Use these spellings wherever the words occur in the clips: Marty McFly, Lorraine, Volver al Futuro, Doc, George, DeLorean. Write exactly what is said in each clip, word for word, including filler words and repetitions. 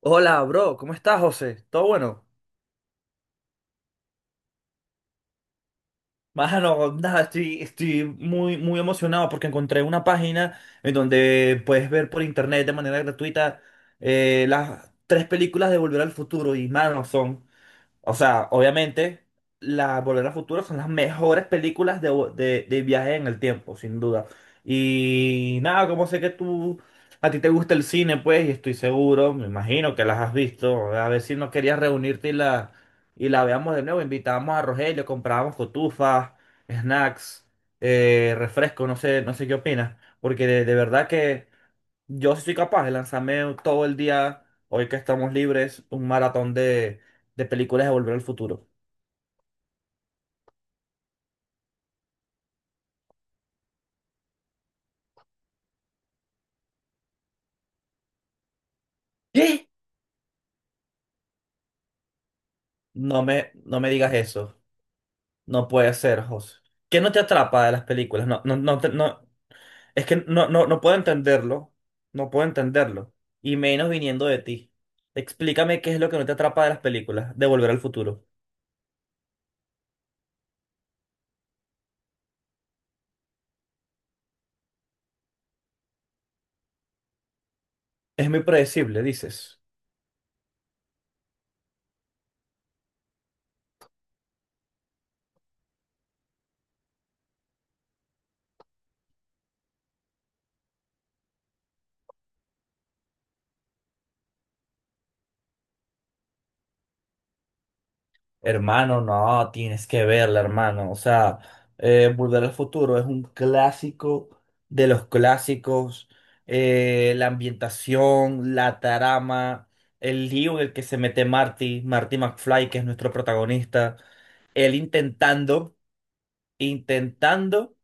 Hola, bro, ¿cómo estás, José? ¿Todo bueno? Mano, nada, estoy, estoy muy, muy emocionado porque encontré una página en donde puedes ver por internet de manera gratuita eh, las tres películas de Volver al Futuro y, mano, son. O sea, obviamente, las Volver al Futuro son las mejores películas de, vo- de, de viaje en el tiempo, sin duda. Y nada, como sé que tú, a ti te gusta el cine, pues, y estoy seguro, me imagino que las has visto. A ver si no querías reunirte y la, y la veamos de nuevo. Invitábamos a Rogelio, comprábamos cotufas, snacks, eh, refresco, no sé, no sé qué opinas. Porque de, de verdad que yo sí soy capaz de lanzarme todo el día, hoy que estamos libres, un maratón de, de películas de Volver al Futuro. ¿Qué? No me, no me digas eso. No puede ser, José. ¿Qué no te atrapa de las películas? No, no, no, te- no. Es que no, no, no puedo entenderlo. No puedo entenderlo. Y menos viniendo de ti. Explícame qué es lo que no te atrapa de las películas de Volver al Futuro. Es muy predecible, dices. Hermano, no, tienes que verla, hermano. O sea, eh, Volver al Futuro es un clásico de los clásicos. Eh, la ambientación, la trama, el lío en el que se mete Marty, Marty McFly, que es nuestro protagonista. Él intentando, intentando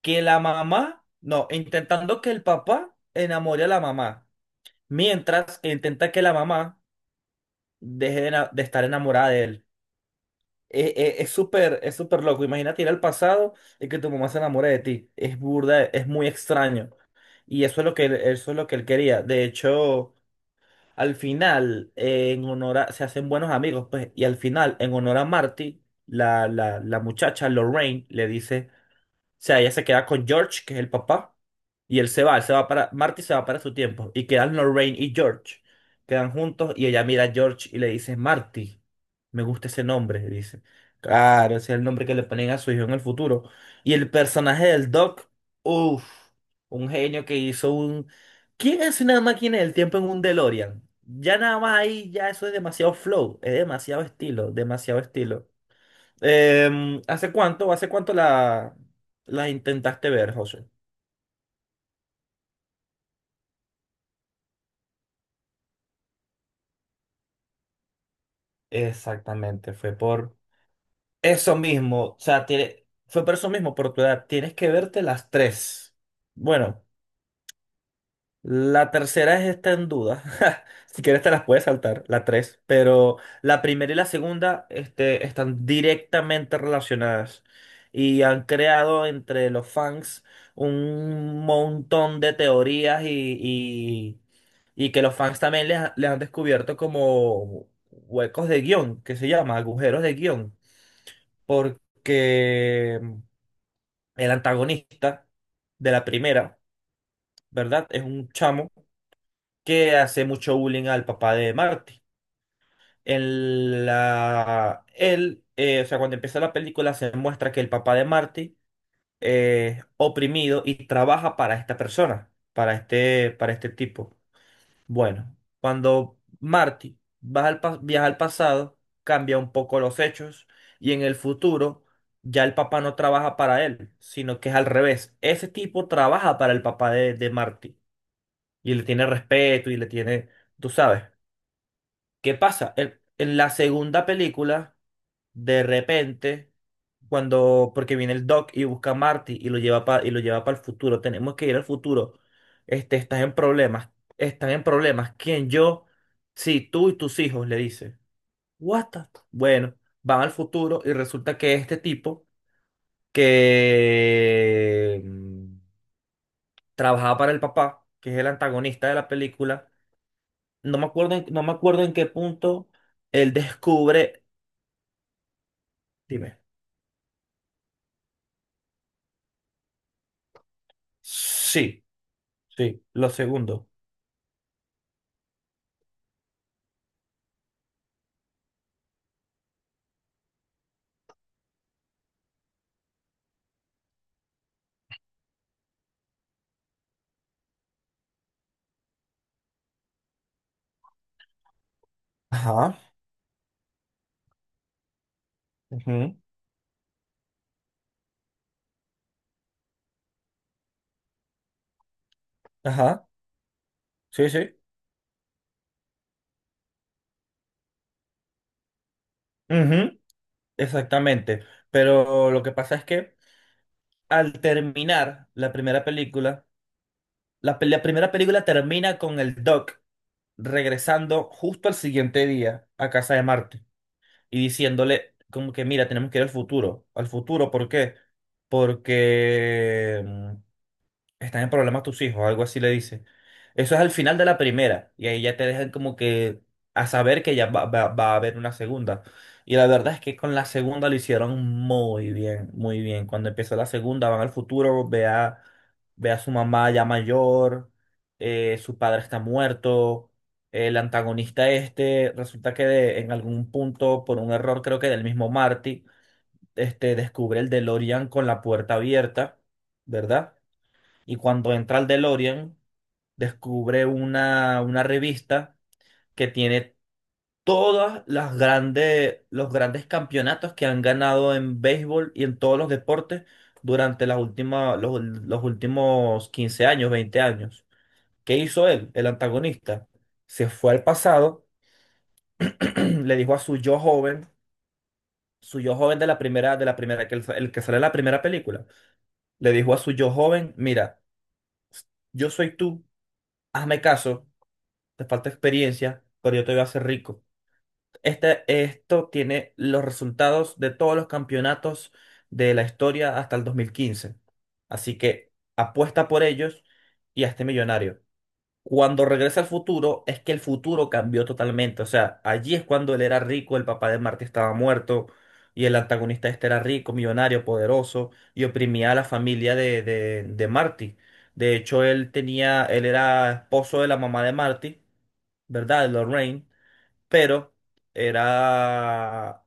que la mamá, no, intentando que el papá enamore a la mamá, mientras intenta que la mamá deje de, ena- de estar enamorada de él. Eh, eh, es súper, es súper loco. Imagínate ir al pasado y que tu mamá se enamore de ti. Es burda, es muy extraño. Y eso es lo que él, eso es lo que él quería. De hecho, al final, eh, en honor a- se hacen buenos amigos, pues, y al final, en honor a Marty, la, la, la muchacha Lorraine le dice sea, ella se queda con George, que es el papá, y él se va, él se va para, Marty se va para su tiempo, y quedan Lorraine y George, quedan juntos, y ella mira a George y le dice, Marty, me gusta ese nombre, le dice. Claro, ese es el nombre que le ponen a su hijo en el futuro. Y el personaje del Doc, uff, un genio que hizo un... ¿Quién es una máquina del tiempo en un DeLorean? Ya nada más ahí, ya eso es demasiado flow, es demasiado estilo, demasiado estilo. Em, ¿hace cuánto, hace cuánto la, la intentaste ver, José? Exactamente, fue por eso mismo, o sea, tiene- fue por eso mismo, por tu edad. Tienes que verte las tres. Bueno. La tercera es esta en duda. Si quieres te las puedes saltar, la tres. Pero la primera y la segunda, este, están directamente relacionadas. Y han creado entre los fans un montón de teorías y, y, y que los fans también les, ha- les han descubierto como huecos de guión, que se llama agujeros de guión. Porque el antagonista de la primera, ¿verdad? Es un chamo que hace mucho bullying al papá de Marty. En la, él, eh, o sea, cuando empieza la película se muestra que el papá de Marty eh, es oprimido y trabaja para esta persona, para este, para este tipo. Bueno, cuando Marty baja al pa- viaja al pasado, cambia un poco los hechos y en el futuro ya el papá no trabaja para él, sino que es al revés. Ese tipo trabaja para el papá de, de Marty y le tiene respeto y le tiene, tú sabes. ¿Qué pasa? En, en la segunda película, de repente, cuando, porque viene el Doc y busca a Marty y lo lleva para y lo lleva para el futuro, tenemos que ir al futuro. Este, estás en problemas, están en problemas. ¿Quién? Yo, sí, tú y tus hijos, le dice. What the- Bueno, van al futuro y resulta que este tipo que mm, trabajaba para el papá, que es el antagonista de la película, no me acuerdo en- no me acuerdo en qué punto él descubre. Dime. Sí, sí, lo segundo. Ajá. Ujú. Ajá, sí, sí. Ujú. Exactamente. Pero lo que pasa es que al terminar la primera película, la, pe- la primera película termina con el Doc regresando justo al siguiente día a casa de Marte y diciéndole como que, mira, tenemos que ir al futuro. ¿Al futuro por qué? Porque... Están en problemas tus hijos, algo así le dice. Eso es al final de la primera, y ahí ya te dejan como que a saber que ya va, va- va a haber una segunda. Y la verdad es que con la segunda lo hicieron muy bien, muy bien. Cuando empezó la segunda, van al futuro, ve a, ve a su mamá ya mayor, eh, su padre está muerto, el antagonista este, resulta que de- en algún punto, por un error creo que del mismo Marty, este, descubre el DeLorean con la puerta abierta, ¿verdad? Y cuando entra al DeLorean, descubre una, una revista que tiene todas las grandes, los grandes campeonatos que han ganado en béisbol y en todos los deportes durante las últimas, los, los últimos quince años, veinte años. ¿Qué hizo él, el antagonista? Se fue al pasado, le dijo a su yo joven, su yo joven de la primera, de la primera, que el, el que sale en la primera película, le dijo a su yo joven, mira, yo soy tú, hazme caso. Te falta experiencia, pero yo te voy a hacer rico. Este, esto tiene los resultados de todos los campeonatos de la historia hasta el dos mil quince. Así que apuesta por ellos y a este millonario. Cuando regresa al futuro, es que el futuro cambió totalmente. O sea, allí es cuando él era rico, el papá de Marty estaba muerto y el antagonista este era rico, millonario, poderoso y oprimía a la familia de, de, de Marty. De hecho, él tenía, él era esposo de la mamá de Marty, ¿verdad? De Lorraine, pero era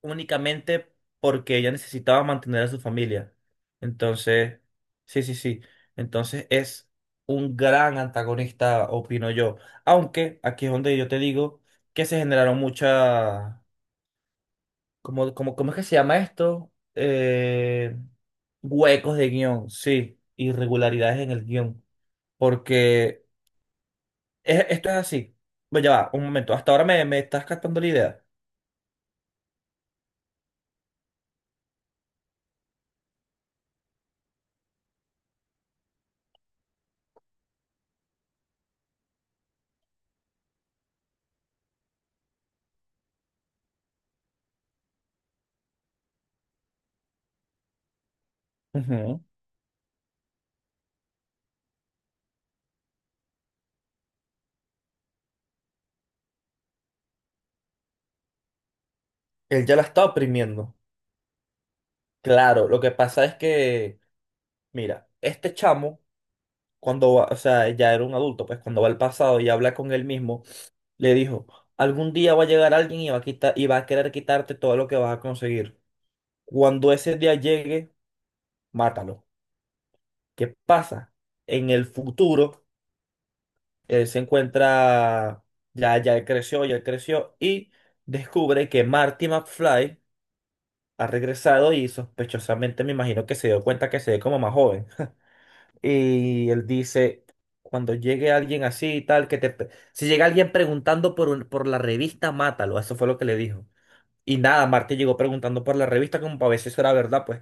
únicamente porque ella necesitaba mantener a su familia. Entonces, sí, sí, sí. Entonces es un gran antagonista, opino yo. Aunque aquí es donde yo te digo que se generaron muchas, como, como, ¿cómo es que se llama esto? Eh, huecos de guión, sí, irregularidades en el guión. Porque es- esto es así. Bueno, ya va, un momento. Hasta ahora me, me estás captando la idea. Ujú. Él ya la está oprimiendo. Claro, lo que pasa es que, mira, este chamo, cuando va, o sea, ya era un adulto, pues cuando va al pasado y habla con él mismo, le dijo, algún día va a llegar alguien y va a quitar, y va a querer quitarte todo lo que vas a conseguir. Cuando ese día llegue, mátalo. ¿Qué pasa? En el futuro, él se encuentra, ya, ya él creció, ya él creció y descubre que Marty McFly ha regresado y sospechosamente me imagino que se dio cuenta que se ve como más joven. Y él dice, cuando llegue alguien así y tal, que te... pre- Si llega alguien preguntando por, un- por la revista, mátalo. Eso fue lo que le dijo. Y nada, Marte llegó preguntando por la revista como para ver si eso era verdad, pues.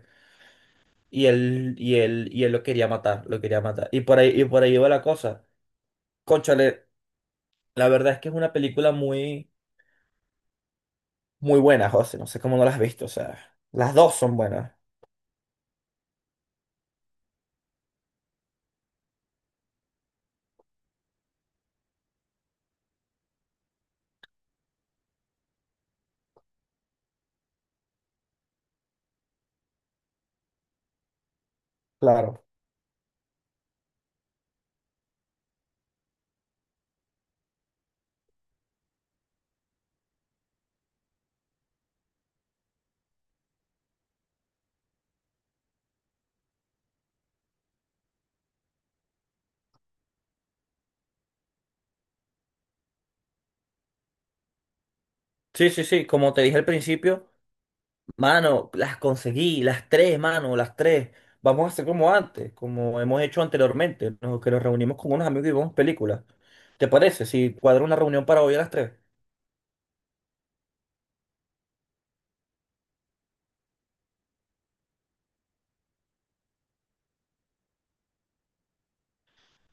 Y él, y él, y él lo quería matar, lo quería matar. Y por ahí, y por ahí va la cosa. Cónchale, la verdad es que es una película muy, muy buena, José. No sé cómo no la has visto, o sea, las dos son buenas, claro. Sí, sí, sí, como te dije al principio. Mano, las conseguí, las tres, mano, las tres. Vamos a hacer como antes, como hemos hecho anteriormente, ¿no? Que nos reunimos con unos amigos y vemos películas. ¿Te parece? Si cuadro una reunión para hoy a las tres.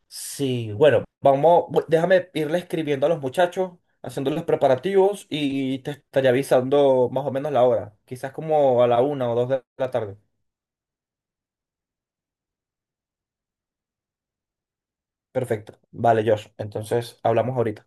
Sí, bueno, vamos, bu- déjame irle escribiendo a los muchachos, haciendo los preparativos y te estaré avisando más o menos la hora. Quizás como a la una o dos de la tarde. Perfecto. Vale, Josh. Entonces hablamos ahorita.